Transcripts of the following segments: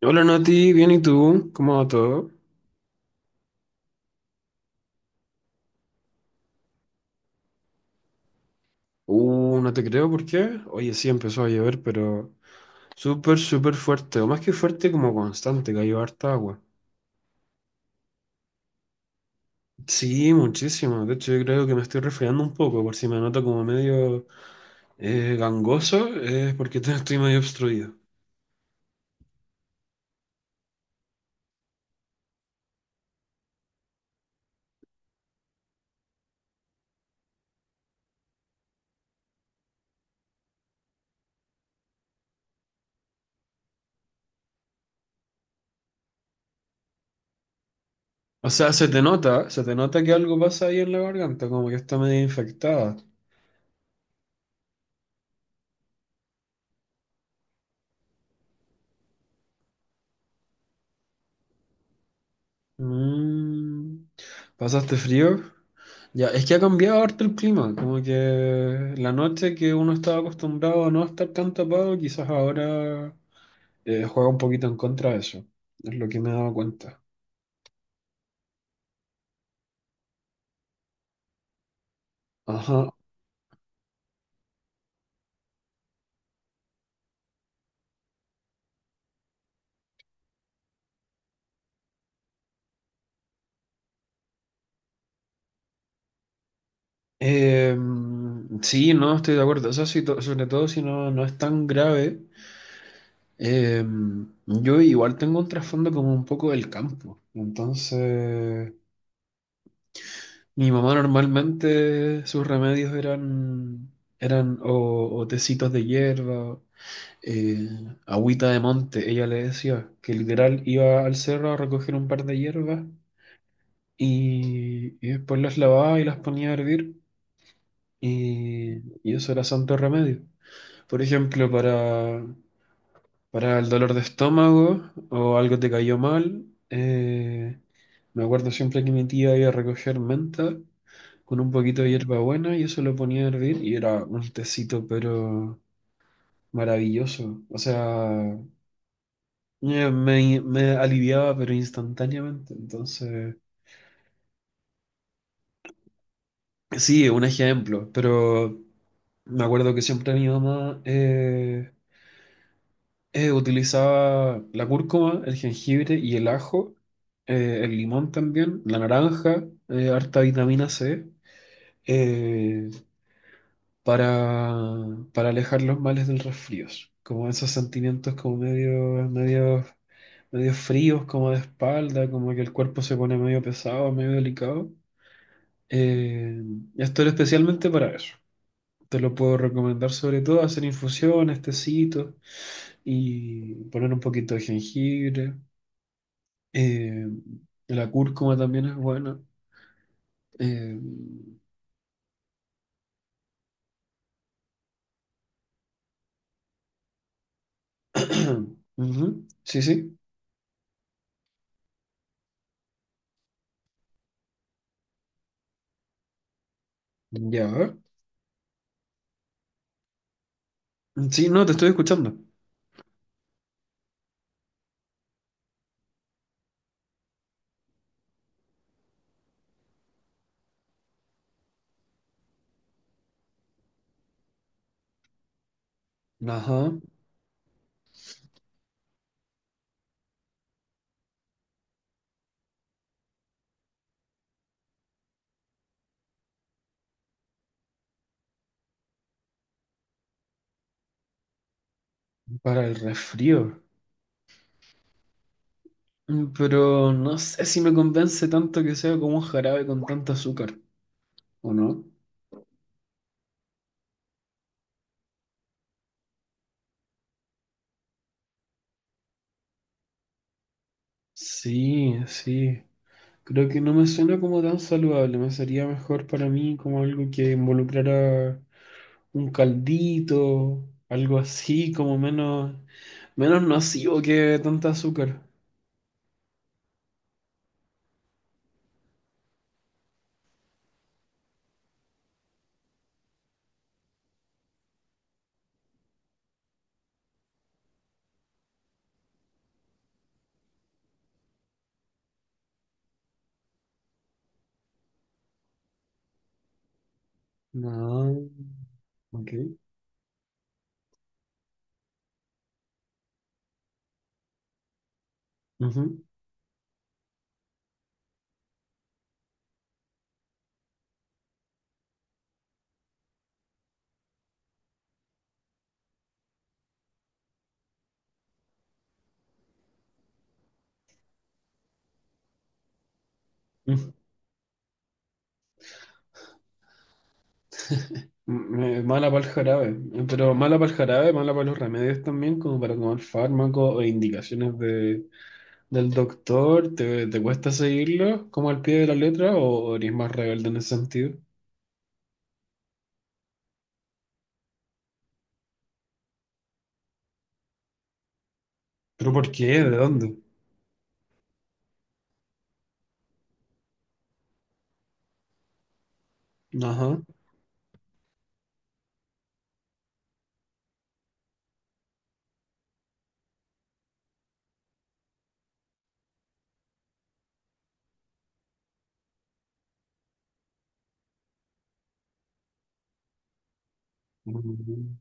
Hola Nati, bien, ¿y tú? ¿Cómo va todo? No te creo, ¿por qué? Oye, sí empezó a llover, pero súper, súper fuerte, o más que fuerte, como constante, cayó harta agua. Sí, muchísimo, de hecho yo creo que me estoy resfriando un poco, por si me noto como medio gangoso, es porque estoy medio obstruido. O sea, se te nota que algo pasa ahí en la garganta, como que está medio infectada. Mm, ¿pasaste frío? Ya, es que ha cambiado harto el clima, como que la noche que uno estaba acostumbrado a no estar tan tapado, quizás ahora juega un poquito en contra de eso, es lo que me he dado cuenta. Ajá. Eh, sí, no, estoy de acuerdo, eso sí, sobre todo si no es tan grave. Eh, yo igual tengo un trasfondo como un poco del campo, entonces mi mamá normalmente sus remedios eran o tecitos de hierba. eh, Agüita de monte, ella le decía, que literal iba al cerro a recoger un par de hierbas y después las lavaba y las ponía a hervir y, y eso era santo remedio. Por ejemplo, para el dolor de estómago o algo te cayó mal, me acuerdo siempre que mi tía iba a recoger menta con un poquito de hierbabuena y eso lo ponía a hervir y era un tecito pero maravilloso. O sea, me aliviaba, pero instantáneamente. Entonces, sí, es un ejemplo, pero me acuerdo que siempre mi mamá utilizaba la cúrcuma, el jengibre y el ajo, el limón también, la naranja, harta vitamina C, eh, para, para alejar los males del resfrío. Como esos sentimientos como medio, medio, medio fríos, como de espalda, como que el cuerpo se pone medio pesado, medio delicado. Eh, Esto era especialmente para eso. Te lo puedo recomendar sobre todo hacer infusiones, tecitos y poner un poquito de jengibre. Eh, la cúrcuma también es buena. Eh, Ujú. Sí, sí. Ya. Sí, no, te estoy escuchando. Ajá, para el resfrío. Mm, pero no sé si me convence tanto que sea como un jarabe con tanto azúcar, ¿o no? Sí, sí. Creo que no me suena como tan saludable, me sería mejor para mí como algo que involucrara un caldito, algo así, como menos, menos nocivo que tanta azúcar. No, ok. Ujú. Mm, mala para el jarabe, pero mala para el jarabe, mala para los remedios también, como para tomar fármacos o indicaciones de, del doctor, ¿te, te cuesta seguirlo como al pie de la letra o eres más rebelde en ese sentido? ¿Pero por qué? ¿De dónde? Ajá. Mm,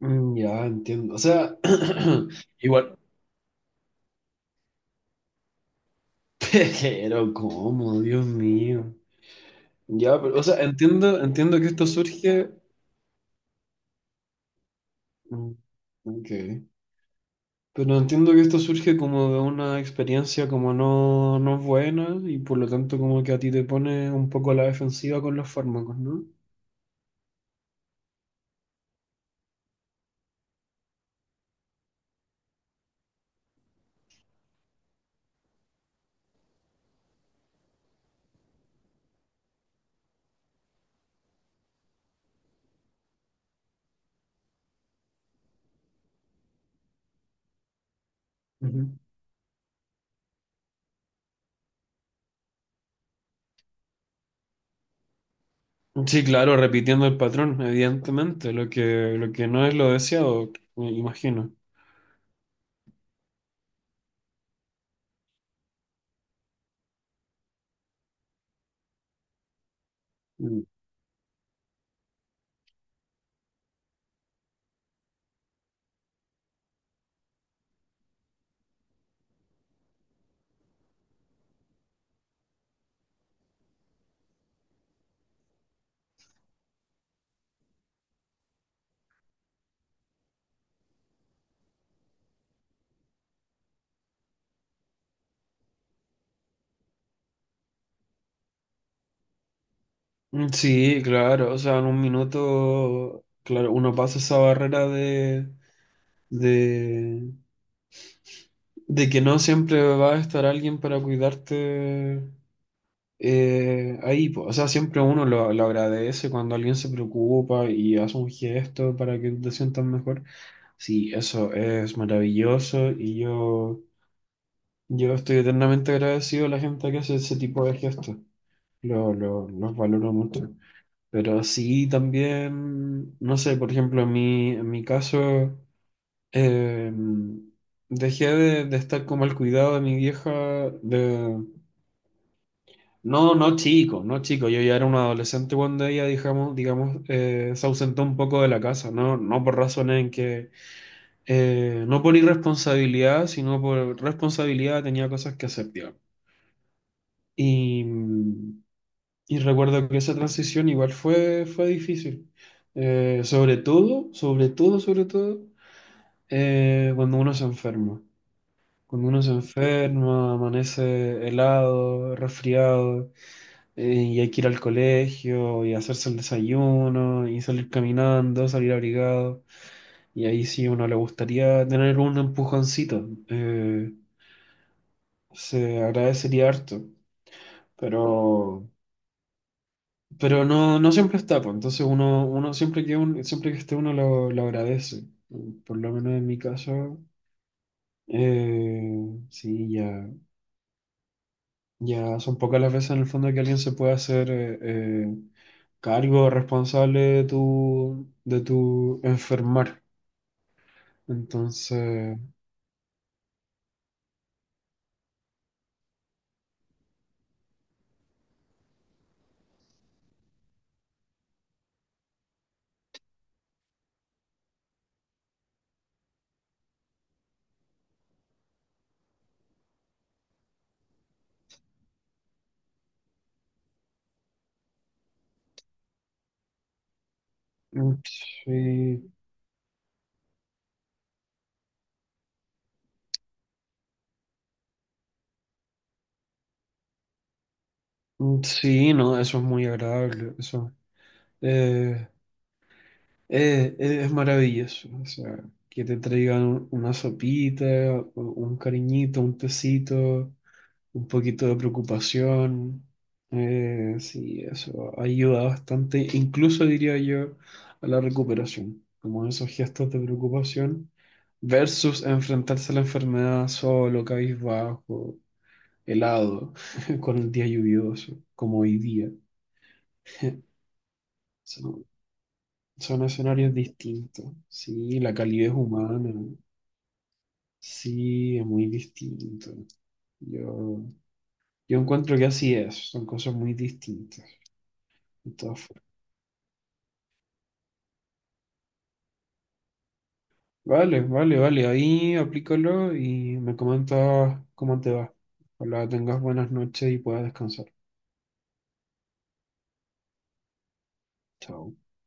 Ya entiendo. O sea, igual, pero ¿cómo? Dios mío. Ya, pero, o sea, entiendo, entiendo que esto surge. mm, Ok. Pero entiendo que esto surge como de una experiencia como no, no buena y por lo tanto como que a ti te pone un poco a la defensiva con los fármacos, ¿no? Ujú. Sí, claro, repitiendo el patrón, evidentemente, lo que no es lo deseado, me imagino. Mm, sí, claro, o sea, en un minuto, claro, uno pasa esa barrera de, de que no siempre va a estar alguien para cuidarte ahí, po. O sea, siempre uno lo agradece cuando alguien se preocupa y hace un gesto para que te sientas mejor. Sí, eso es maravilloso y yo estoy eternamente agradecido a la gente que hace ese tipo de gestos. Lo, los valoro mucho. Pero sí, también, no sé, por ejemplo, en mi caso, eh, dejé de estar como al cuidado de mi vieja, de... No, no chico, no chico, yo ya era un adolescente cuando ella, digamos, digamos se ausentó un poco de la casa, no, no por razones en que, no por irresponsabilidad, sino por responsabilidad tenía cosas que hacer, digamos. Y, y recuerdo que esa transición igual fue, fue difícil. Sobre todo, sobre todo, sobre todo, cuando uno se enferma. Cuando uno se enferma, amanece helado, resfriado, y hay que ir al colegio y hacerse el desayuno y salir caminando, salir abrigado. Y ahí sí uno le gustaría tener un empujoncito. Se agradecería harto. Pero Pero no, no siempre está, pues. Entonces uno, uno siempre que siempre que esté uno lo agradece. Por lo menos en mi caso, eh, sí, ya, ya son pocas las veces en el fondo que alguien se puede hacer cargo responsable de tu enfermar. Entonces, mm, sí, mm, sí, no, eso es muy agradable. Eso. Eh, es maravilloso, o sea, que te traigan una sopita, un cariñito, un tecito, un poquito de preocupación. Sí, eso ayuda bastante, incluso diría yo, a la recuperación, como esos gestos de preocupación versus enfrentarse a la enfermedad solo, cabizbajo, helado, con el día lluvioso, como hoy día. Son, Son escenarios distintos, sí, la calidez humana. Sí, es muy distinto. Yo, yo encuentro que así es, son cosas muy distintas. De todas formas. Vale, vale, vale, ahí aplícalo y me comentas cómo te va. Ojalá tengas buenas noches y puedas descansar. Chao.